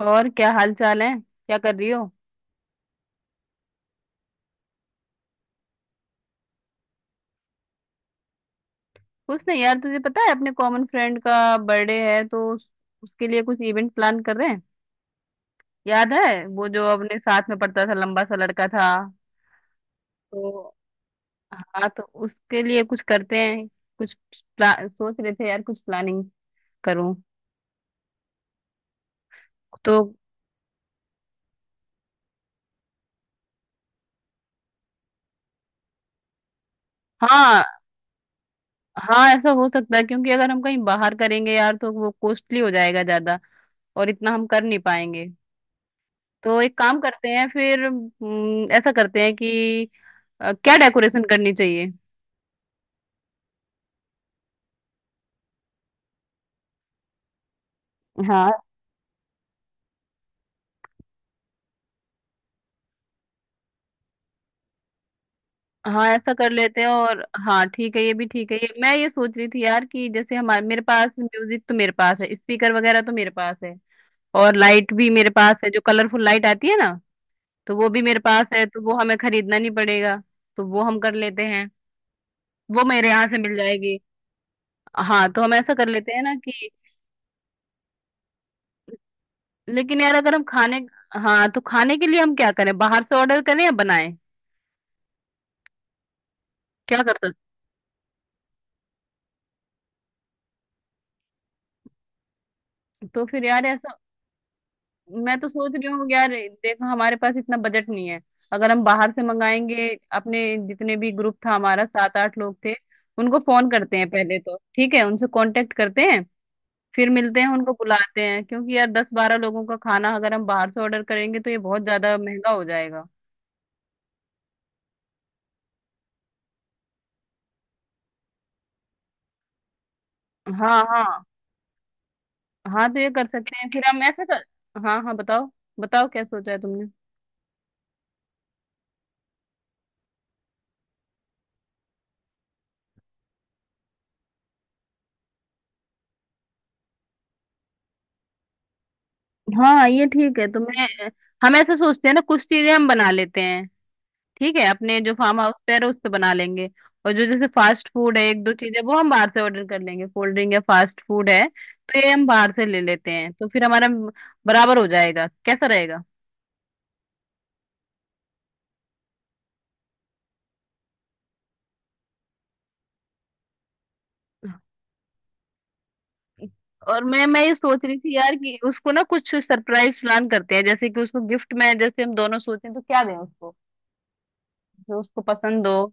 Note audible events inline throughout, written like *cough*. और क्या हाल चाल है, क्या कर रही हो। कुछ नहीं यार, तुझे पता है अपने कॉमन फ्रेंड का बर्थडे है, तो उसके लिए कुछ इवेंट प्लान कर रहे हैं। याद है वो जो अपने साथ में पढ़ता था, लंबा सा लड़का था। तो हाँ, तो उसके लिए कुछ करते हैं। कुछ सोच रहे थे यार कुछ प्लानिंग करूं। तो हाँ हाँ, ऐसा हो सकता है, क्योंकि अगर हम कहीं बाहर करेंगे यार, तो वो कॉस्टली हो जाएगा ज्यादा, और इतना हम कर नहीं पाएंगे। तो एक काम करते हैं फिर, ऐसा करते हैं कि क्या डेकोरेशन करनी चाहिए। हाँ हाँ, ऐसा कर लेते हैं। और हाँ ठीक है, ये भी ठीक है। ये मैं ये सोच रही थी यार कि जैसे हमारे मेरे पास म्यूजिक तो मेरे पास है, स्पीकर वगैरह तो मेरे पास है, और लाइट भी मेरे पास है, जो कलरफुल लाइट आती है ना, तो वो भी मेरे पास है। तो वो हमें खरीदना नहीं पड़ेगा, तो वो हम कर लेते हैं। वो मेरे यहाँ से मिल जाएगी। हाँ तो हम ऐसा कर लेते हैं ना कि, लेकिन यार अगर हम खाने, हाँ, तो खाने के लिए हम क्या करें, बाहर से ऑर्डर करें या बनाएं, क्या कर सकते। तो फिर यार ऐसा, मैं तो सोच रही हूँ यार, देखो हमारे पास इतना बजट नहीं है। अगर हम बाहर से मंगाएंगे, अपने जितने भी ग्रुप था हमारा, 7-8 लोग थे, उनको फोन करते हैं पहले। तो ठीक है, उनसे कांटेक्ट करते हैं, फिर मिलते हैं, उनको बुलाते हैं, क्योंकि यार 10-12 लोगों का खाना अगर हम बाहर से ऑर्डर करेंगे तो ये बहुत ज्यादा महंगा हो जाएगा। हाँ हाँ हाँ, तो ये कर सकते हैं फिर हम, ऐसे कर। हाँ हाँ, बताओ, बताओ क्या सोचा है तुमने। हाँ ये ठीक है, तो मैं, हम ऐसे सोचते हैं ना, कुछ चीजें हम बना लेते हैं। ठीक है, अपने जो फार्म हाउस पे है उस पे बना लेंगे, और जो जैसे फास्ट फूड है, एक दो चीजें, वो हम बाहर से ऑर्डर कर लेंगे। कोल्ड ड्रिंक या फास्ट फूड है तो ये हम बाहर से ले लेते हैं, तो फिर हमारा बराबर हो जाएगा, कैसा रहेगा। और मैं ये सोच रही थी यार कि उसको ना कुछ सरप्राइज प्लान करते हैं। जैसे कि उसको गिफ्ट में, जैसे हम दोनों सोचें, तो क्या दें उसको, जो उसको पसंद हो।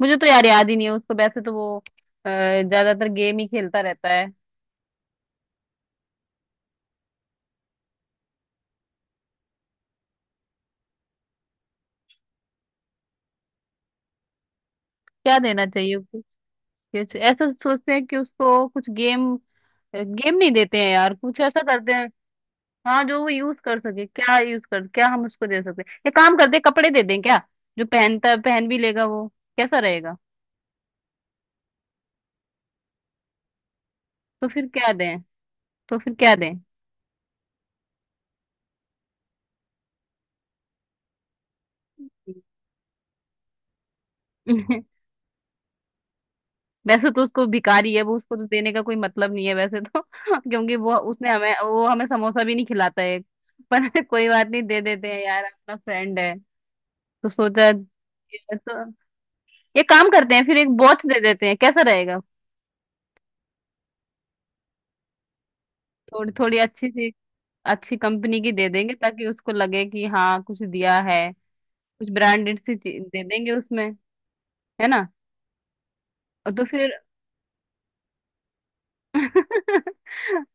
मुझे तो यार याद ही नहीं है उसको। वैसे तो वो ज्यादातर गेम ही खेलता रहता है। क्या देना चाहिए उसको। कुछ ऐसा सोचते हैं कि उसको कुछ गेम, गेम नहीं देते हैं यार, कुछ ऐसा करते हैं। हाँ जो वो यूज कर सके, क्या यूज कर, क्या हम उसको दे सकते हैं, ये काम करते हैं, कपड़े दे दें क्या, जो पहनता है पहन भी लेगा वो। कैसा रहेगा। तो फिर क्या दें, तो फिर क्या दें। *laughs* वैसे तो उसको, भिखारी है वो, उसको तो देने का कोई मतलब नहीं है वैसे तो, *laughs* क्योंकि वो उसने हमें वो हमें समोसा भी नहीं खिलाता है, पर *laughs* कोई बात नहीं, दे देते हैं यार, अपना फ्रेंड है, तो सोचा। ये तो ये काम करते हैं फिर, एक वॉच दे देते हैं, कैसा रहेगा। थोड़ी थोड़ी अच्छी सी, अच्छी कंपनी की दे देंगे, ताकि उसको लगे कि हाँ कुछ दिया है। कुछ ब्रांडेड सी चीज दे देंगे उसमें, है ना। और तो फिर *laughs*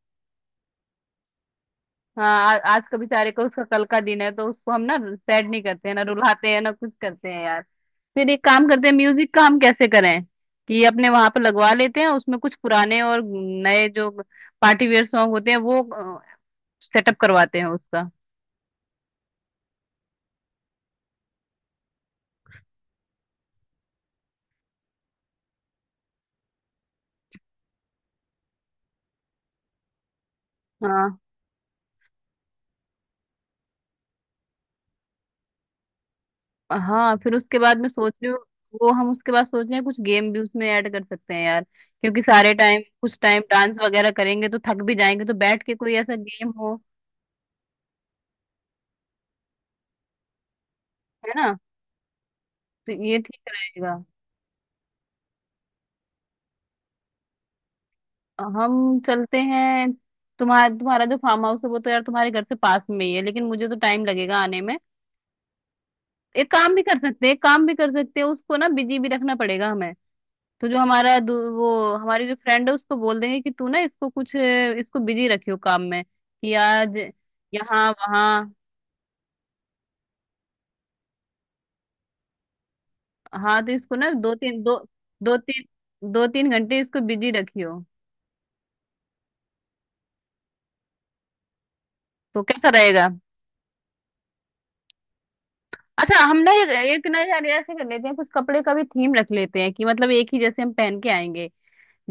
हाँ, आज का बेचारे को, उसका कल का दिन है, तो उसको हम ना सैड नहीं करते हैं, ना रुलाते हैं, ना कुछ करते हैं यार। फिर एक काम करते हैं, म्यूजिक का हम कैसे करें, कि अपने वहां पर लगवा लेते हैं। उसमें कुछ पुराने और नए जो पार्टी वेयर सॉन्ग होते हैं, वो सेटअप करवाते हैं उसका। हाँ। हाँ फिर उसके बाद मैं सोच रही हूँ, वो हम उसके बाद सोच रहे हैं, कुछ गेम भी उसमें ऐड कर सकते हैं यार, क्योंकि सारे टाइम कुछ टाइम डांस वगैरह करेंगे तो थक भी जाएंगे, तो बैठ के कोई ऐसा गेम हो। है ना, तो ये ठीक रहेगा। हम चलते हैं। तुम्हारा, तुम्हारा जो फार्म हाउस है वो तो यार तुम्हारे घर से पास में ही है, लेकिन मुझे तो टाइम लगेगा आने में। एक काम भी कर सकते हैं, एक काम भी कर सकते हैं, उसको ना बिजी भी रखना पड़ेगा हमें। तो जो हमारा वो हमारी जो फ्रेंड है, उसको बोल देंगे कि तू ना इसको कुछ, इसको बिजी रखियो काम में कि आज यहाँ वहाँ। हाँ, तो इसको ना दो तीन दो तीन घंटे इसको बिजी रखियो। तो कैसा रहेगा। अच्छा हम ना एक एक ना यार, ऐसे कर लेते हैं, कुछ कपड़े का भी थीम रख लेते हैं, कि मतलब एक ही जैसे हम पहन के आएंगे।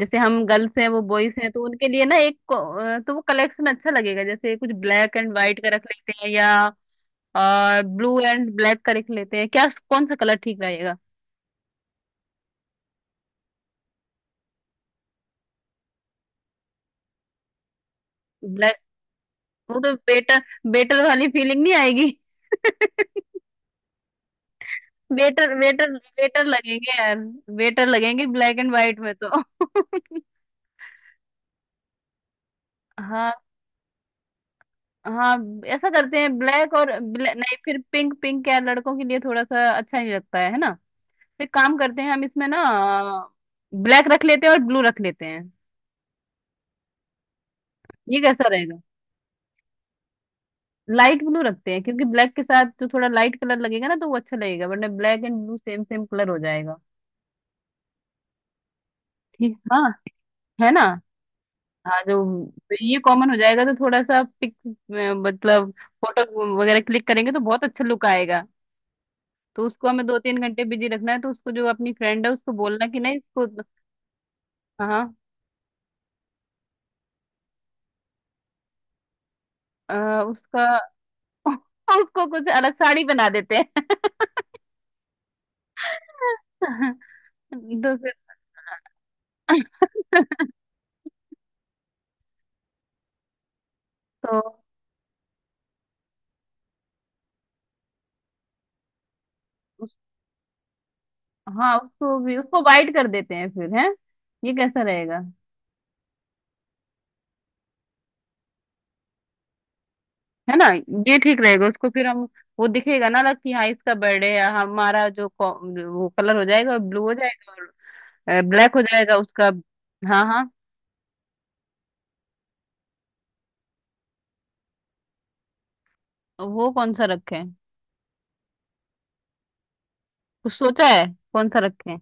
जैसे हम गर्ल्स हैं, वो बॉयज हैं, तो उनके लिए ना एक तो वो कलेक्शन अच्छा लगेगा। जैसे कुछ ब्लैक एंड व्हाइट का रख लेते हैं, या और ब्लू एंड ब्लैक का रख लेते हैं क्या, कौन सा कलर ठीक रहेगा। ब्लैक, वो तो बेटर, बेटर वाली फीलिंग नहीं आएगी। बेटर बेटर बेटर लगेंगे यार, बेटर लगेंगे ब्लैक एंड व्हाइट में तो। *laughs* हाँ हाँ, ऐसा करते हैं, ब्लैक और ब्लैक नहीं, फिर पिंक, पिंक यार लड़कों के लिए थोड़ा सा अच्छा नहीं लगता है ना। फिर काम करते हैं हम इसमें ना, ब्लैक रख लेते हैं और ब्लू रख लेते हैं, ये कैसा रहेगा। लाइट ब्लू रखते हैं, क्योंकि ब्लैक के साथ जो थोड़ा लाइट कलर लगेगा ना, तो वो अच्छा लगेगा, वरना black and blue same same colour हो जाएगा। ठीक, हाँ, है ना। हाँ जो तो ये कॉमन हो जाएगा, तो थोड़ा सा पिक, मतलब फोटो वगैरह क्लिक करेंगे तो बहुत अच्छा लुक आएगा। तो उसको हमें 2-3 घंटे बिजी रखना है, तो उसको जो अपनी फ्रेंड है उसको बोलना कि नहीं इसको। हाँ उसका, *laughs* उसको कुछ अलग साड़ी बना देते हैं। *laughs* तो फिर *laughs* तो हाँ उसको भी, उसको वाइट कर देते हैं फिर, है ये कैसा रहेगा। है ना, ये ठीक रहेगा। उसको फिर हम, वो दिखेगा ना अलग, कि हाँ इसका बर्थडे है, हमारा जो वो कलर हो जाएगा, ब्लू हो जाएगा और ब्लैक हो जाएगा उसका। हाँ हाँ, तो वो कौन सा रखें, कुछ सोचा है, कौन सा रखें,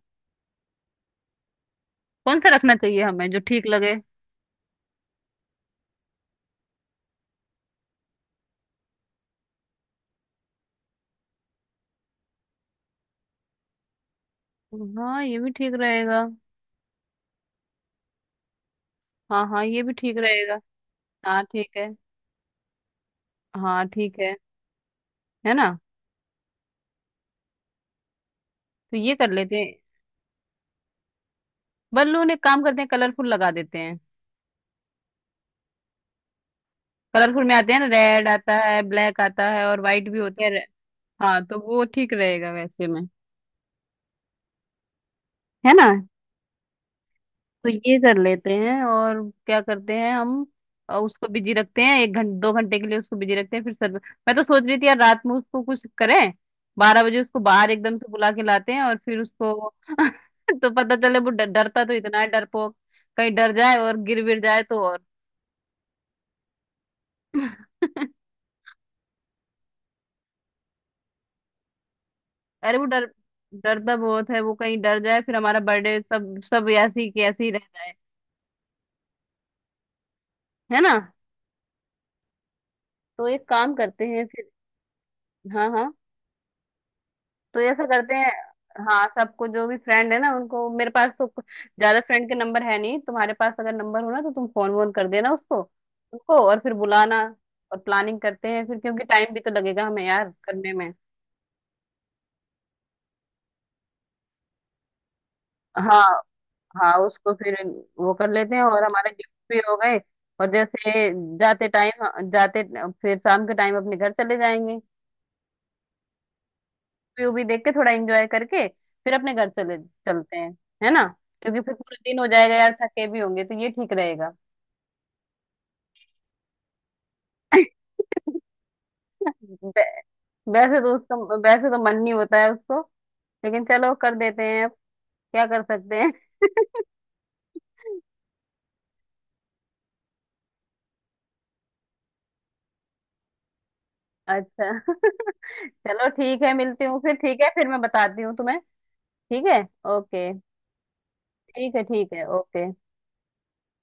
कौन सा रखना चाहिए हमें, जो ठीक लगे। हाँ ये भी ठीक रहेगा। हाँ हाँ, ये भी ठीक रहेगा। हाँ ठीक है। हाँ ठीक है ना। तो ये कर लेते हैं। बल्लू ने काम करते हैं, कलरफुल लगा देते हैं। कलरफुल में आते हैं ना, रेड आता है, ब्लैक आता है, और वाइट भी होते हैं। हाँ, तो वो ठीक रहेगा वैसे में। है ना, तो ये कर लेते हैं। और क्या करते हैं हम, उसको बिजी रखते हैं 1-2 घंटे के लिए, उसको बिजी रखते हैं फिर सर। मैं तो सोच रही थी यार, रात में उसको कुछ करें। 12 बजे उसको बाहर एकदम से बुला के लाते हैं, और फिर उसको। *laughs* तो पता चले, वो डरता तो इतना है, डरपोक, कहीं डर जाए और गिर विर जाए तो, और *laughs* अरे, वो डर, डरता बहुत है, वो कहीं डर जाए, फिर हमारा बर्थडे सब सब ऐसी की ऐसी रह जाए, है ना। तो एक काम करते हैं फिर। हाँ हाँ, तो ऐसा करते हैं। हाँ सबको, जो भी फ्रेंड है ना उनको, मेरे पास तो ज्यादा फ्रेंड के नंबर है नहीं, तुम्हारे पास अगर नंबर हो ना तो तुम फोन वोन कर देना उसको, उनको, और फिर बुलाना और प्लानिंग करते हैं फिर, क्योंकि टाइम भी तो लगेगा हमें यार करने में। हाँ हाँ उसको फिर, वो कर लेते हैं, और हमारे गिफ्ट भी हो गए। और जैसे जाते टाइम, जाते, फिर शाम के टाइम अपने घर चले जाएंगे। व्यू भी देख के, थोड़ा एंजॉय करके, फिर अपने घर चले चलते हैं, है ना, क्योंकि फिर पूरा दिन हो जाएगा यार, थके भी होंगे, तो ये ठीक रहेगा। *laughs* वै- वैसे तो उसका, वैसे तो मन नहीं होता है उसको, लेकिन चलो कर देते हैं अब, क्या कर सकते हैं। *laughs* अच्छा। *laughs* चलो ठीक है, मिलती हूँ फिर, ठीक है, फिर मैं बताती हूँ तुम्हें। ठीक है, ओके। ठीक है ठीक है, ओके।